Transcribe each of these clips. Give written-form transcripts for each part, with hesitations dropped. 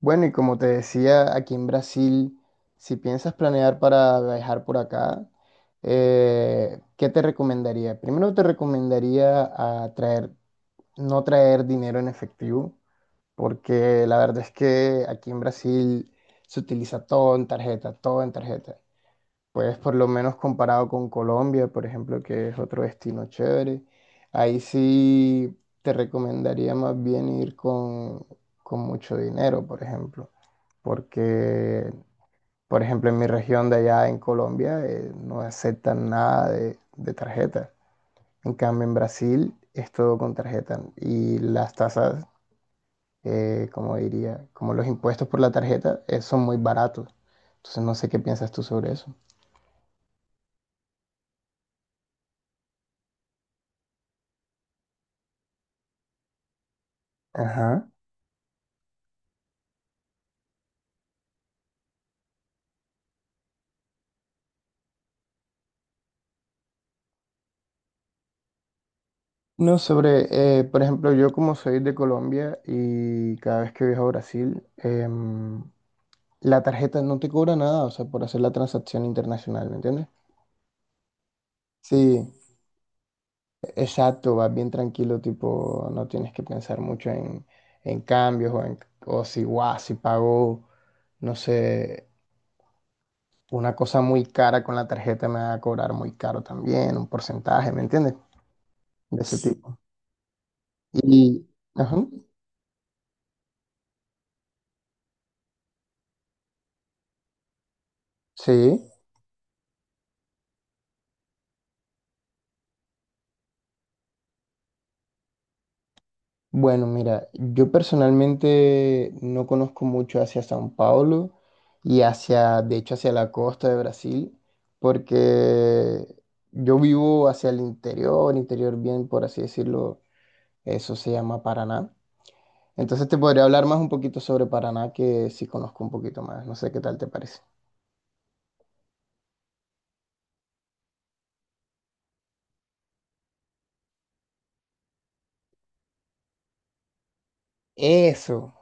Bueno, y como te decía, aquí en Brasil, si piensas planear para viajar por acá, ¿qué te recomendaría? Primero te recomendaría a traer, no traer dinero en efectivo, porque la verdad es que aquí en Brasil se utiliza todo en tarjeta, todo en tarjeta. Pues por lo menos comparado con Colombia, por ejemplo, que es otro destino chévere, ahí sí te recomendaría más bien ir con mucho dinero, por ejemplo, porque, por ejemplo, en mi región de allá en Colombia no aceptan nada de tarjeta. En cambio, en Brasil es todo con tarjeta y las tasas, como diría, como los impuestos por la tarjeta, son muy baratos. Entonces no sé qué piensas tú sobre eso. Ajá. No, sobre, por ejemplo, yo como soy de Colombia y cada vez que viajo a Brasil, la tarjeta no te cobra nada, o sea, por hacer la transacción internacional, ¿me entiendes? Sí, exacto, vas bien tranquilo, tipo, no tienes que pensar mucho en cambios o si, guau, si pago, no sé, una cosa muy cara con la tarjeta me va a cobrar muy caro también, un porcentaje, ¿me entiendes? De ese tipo. Y, ajá, sí. Bueno, mira, yo personalmente no conozco mucho hacia São Paulo y hacia, de hecho, hacia la costa de Brasil, porque yo vivo hacia el interior, interior bien, por así decirlo, eso se llama Paraná. Entonces te podría hablar más un poquito sobre Paraná que sí conozco un poquito más, no sé qué tal te parece. Eso,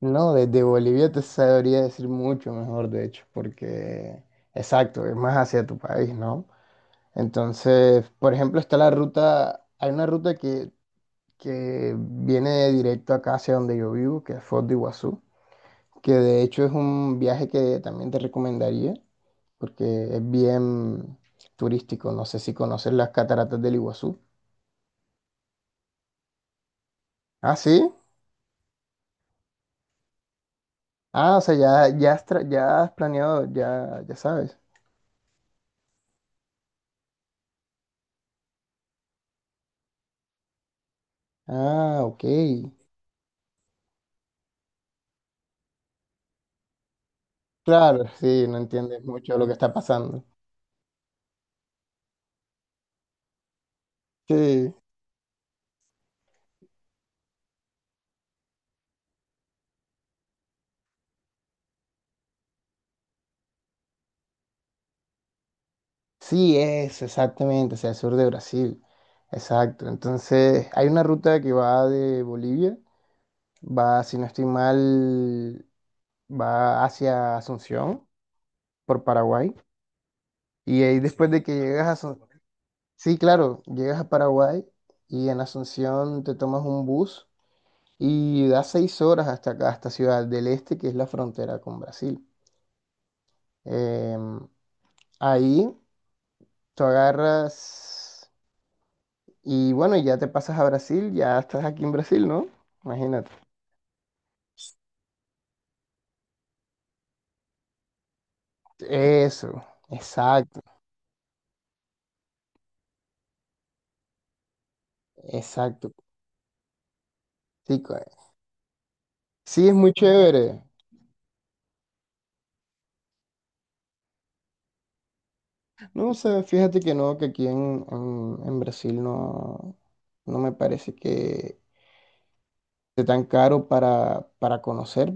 no, desde Bolivia te sabría decir mucho mejor, de hecho, porque, exacto, es más hacia tu país, ¿no? Entonces, por ejemplo, está la ruta, hay una ruta que viene directo acá hacia donde yo vivo, que es Foz de Iguazú, que de hecho es un viaje que también te recomendaría, porque es bien turístico. No sé si conoces las cataratas del Iguazú. Ah, sí. Ah, o sea, ya has planeado, ya sabes. Ah, ok. Claro, sí, no entiendes mucho lo que está pasando. Sí. Sí, es exactamente, hacia el sur de Brasil. Exacto. Entonces, hay una ruta que va de Bolivia, va, si no estoy mal, va hacia Asunción, por Paraguay. Y ahí después de que llegas a Asunción, sí, claro, llegas a Paraguay y en Asunción te tomas un bus y da 6 horas hasta acá, hasta Ciudad del Este, que es la frontera con Brasil. Em, ahí tú agarras. Y bueno, ya te pasas a Brasil, ya estás aquí en Brasil, ¿no? Imagínate. Eso, exacto, exacto. Sí, sí, es muy chévere. No, o sea, fíjate que no, que aquí en Brasil no, me parece que esté tan caro para conocer.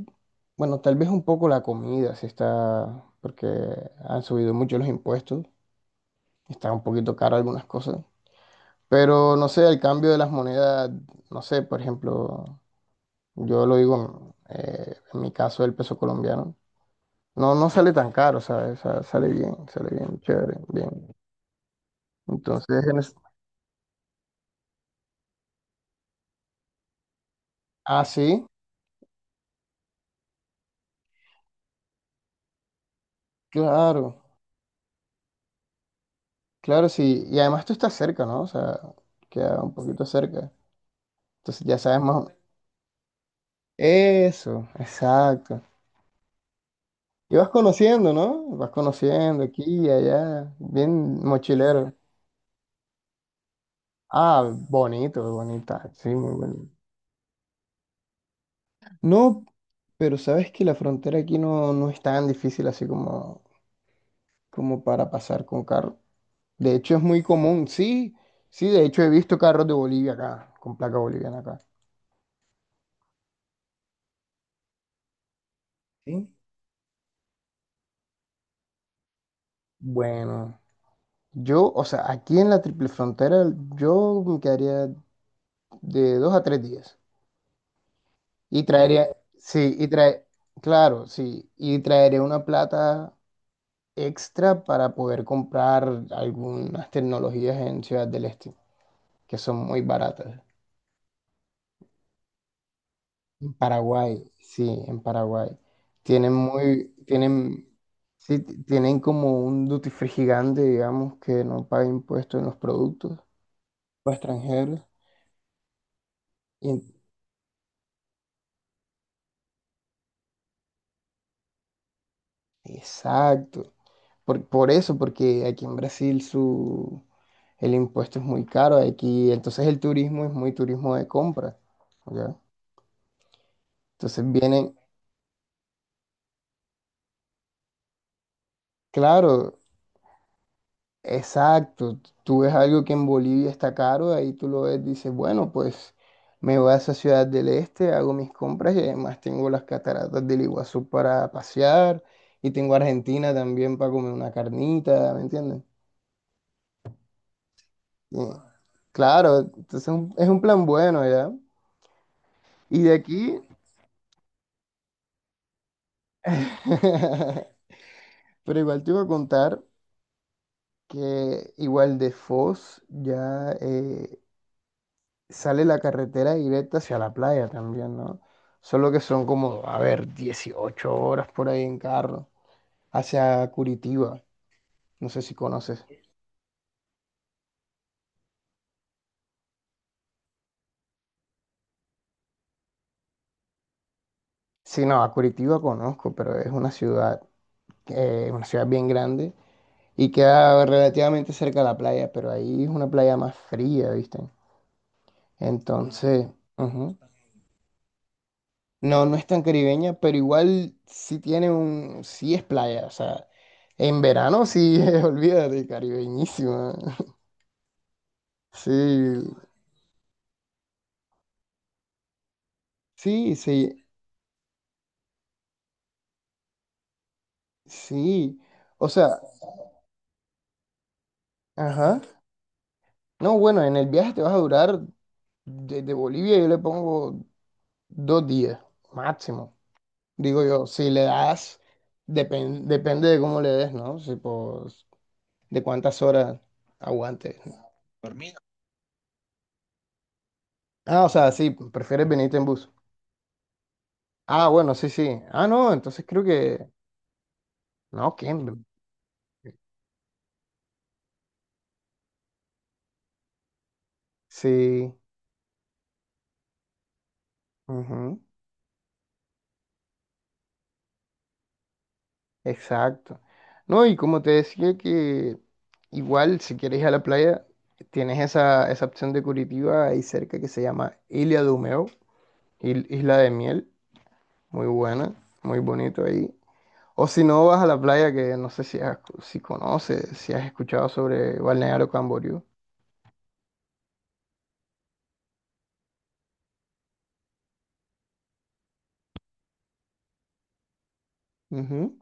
Bueno, tal vez un poco la comida, sí está, porque han subido mucho los impuestos, está un poquito caro algunas cosas. Pero no sé, el cambio de las monedas, no sé, por ejemplo. Yo lo digo, en mi caso, el peso colombiano. No, no sale tan caro, ¿sabes? O sea, sale bien, chévere, bien. Entonces, ah, sí, claro, claro, sí. Y además tú estás cerca, ¿no? O sea, queda un poquito cerca. Entonces ya sabes más. Eso, exacto. Y vas conociendo, ¿no? Vas conociendo aquí y allá, bien mochilero. Ah, bonito, bonita, sí, muy bonito. No, pero sabes que la frontera aquí no es tan difícil así como para pasar con carro. De hecho, es muy común, sí, sí, de hecho he visto carros de Bolivia acá, con placa boliviana acá. ¿Sí? Bueno, yo, o sea, aquí en la triple frontera, yo me quedaría de 2 a 3 días. Y traería, sí, claro, sí, y traeré una plata extra para poder comprar algunas tecnologías en Ciudad del Este, que son muy baratas. En Paraguay, sí, en Paraguay. Tienen muy, tienen, sí, tienen como un duty free gigante, digamos, que no paga impuestos en los productos para extranjeros. Y en- exacto. Por eso, porque aquí en Brasil el impuesto es muy caro. Aquí, entonces el turismo es muy turismo de compra. ¿Ya? Entonces vienen, claro, exacto, tú ves algo que en Bolivia está caro, ahí tú lo ves, dices, bueno, pues me voy a esa ciudad del este, hago mis compras y además tengo las cataratas del Iguazú para pasear y tengo Argentina también para comer una carnita, ¿me entiendes? Y, claro, entonces es un plan bueno, ¿ya? Y de aquí, pero igual te iba a contar que igual de Foz ya sale la carretera directa hacia la playa también, ¿no? Solo que son como, a ver, 18 horas por ahí en carro, hacia Curitiba, no sé si conoces. Sí, no, a Curitiba conozco, pero es una ciudad bien grande y queda relativamente cerca de la playa, pero ahí es una playa más fría, ¿viste? Entonces, ujú. No, no es tan caribeña, pero igual sí sí es playa, o sea, en verano sí, olvídate, caribeñísima. Sí, sí, sí, sí. O sea, ajá. No, bueno, en el viaje te vas a durar desde Bolivia, yo le pongo 2 días, máximo. Digo yo, si le das, depende de cómo le des, ¿no? Si, pues, de cuántas horas aguantes. ¿No? Por mí, no. Ah, o sea, sí, prefieres venirte en bus. Ah, bueno, sí, sí. Ah, no, entonces creo que. No, ¿quién? Sí. Ujú. Exacto. No, y como te decía que igual si quieres ir a la playa, tienes esa opción de Curitiba ahí cerca que se llama Ilha do Mel, Isla de Miel, muy buena, muy bonito ahí. O si no vas a la playa, que no sé si conoces, si has escuchado sobre Balneario Camboriú. Ujú.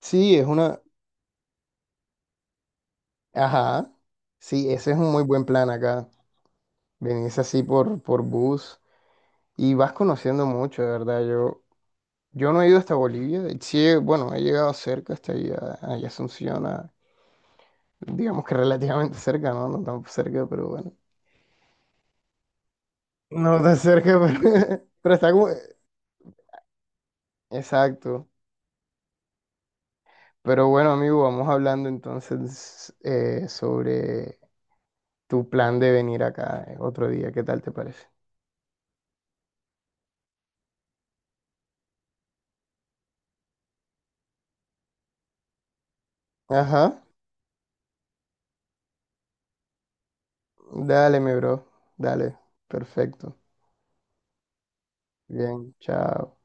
Sí, es una. Ajá. Sí, ese es un muy buen plan acá. Venís así por bus y vas conociendo mucho, de verdad. Yo no he ido hasta Bolivia, sí, bueno, he llegado cerca hasta allá, Asunción, digamos que relativamente cerca, ¿no? No tan cerca, pero bueno. No tan cerca, pero, pero está como. Exacto. Pero bueno, amigo, vamos hablando entonces sobre tu plan de venir acá otro día, ¿qué tal te parece? Ajá, dale, mi bro, dale, perfecto. Bien, chao.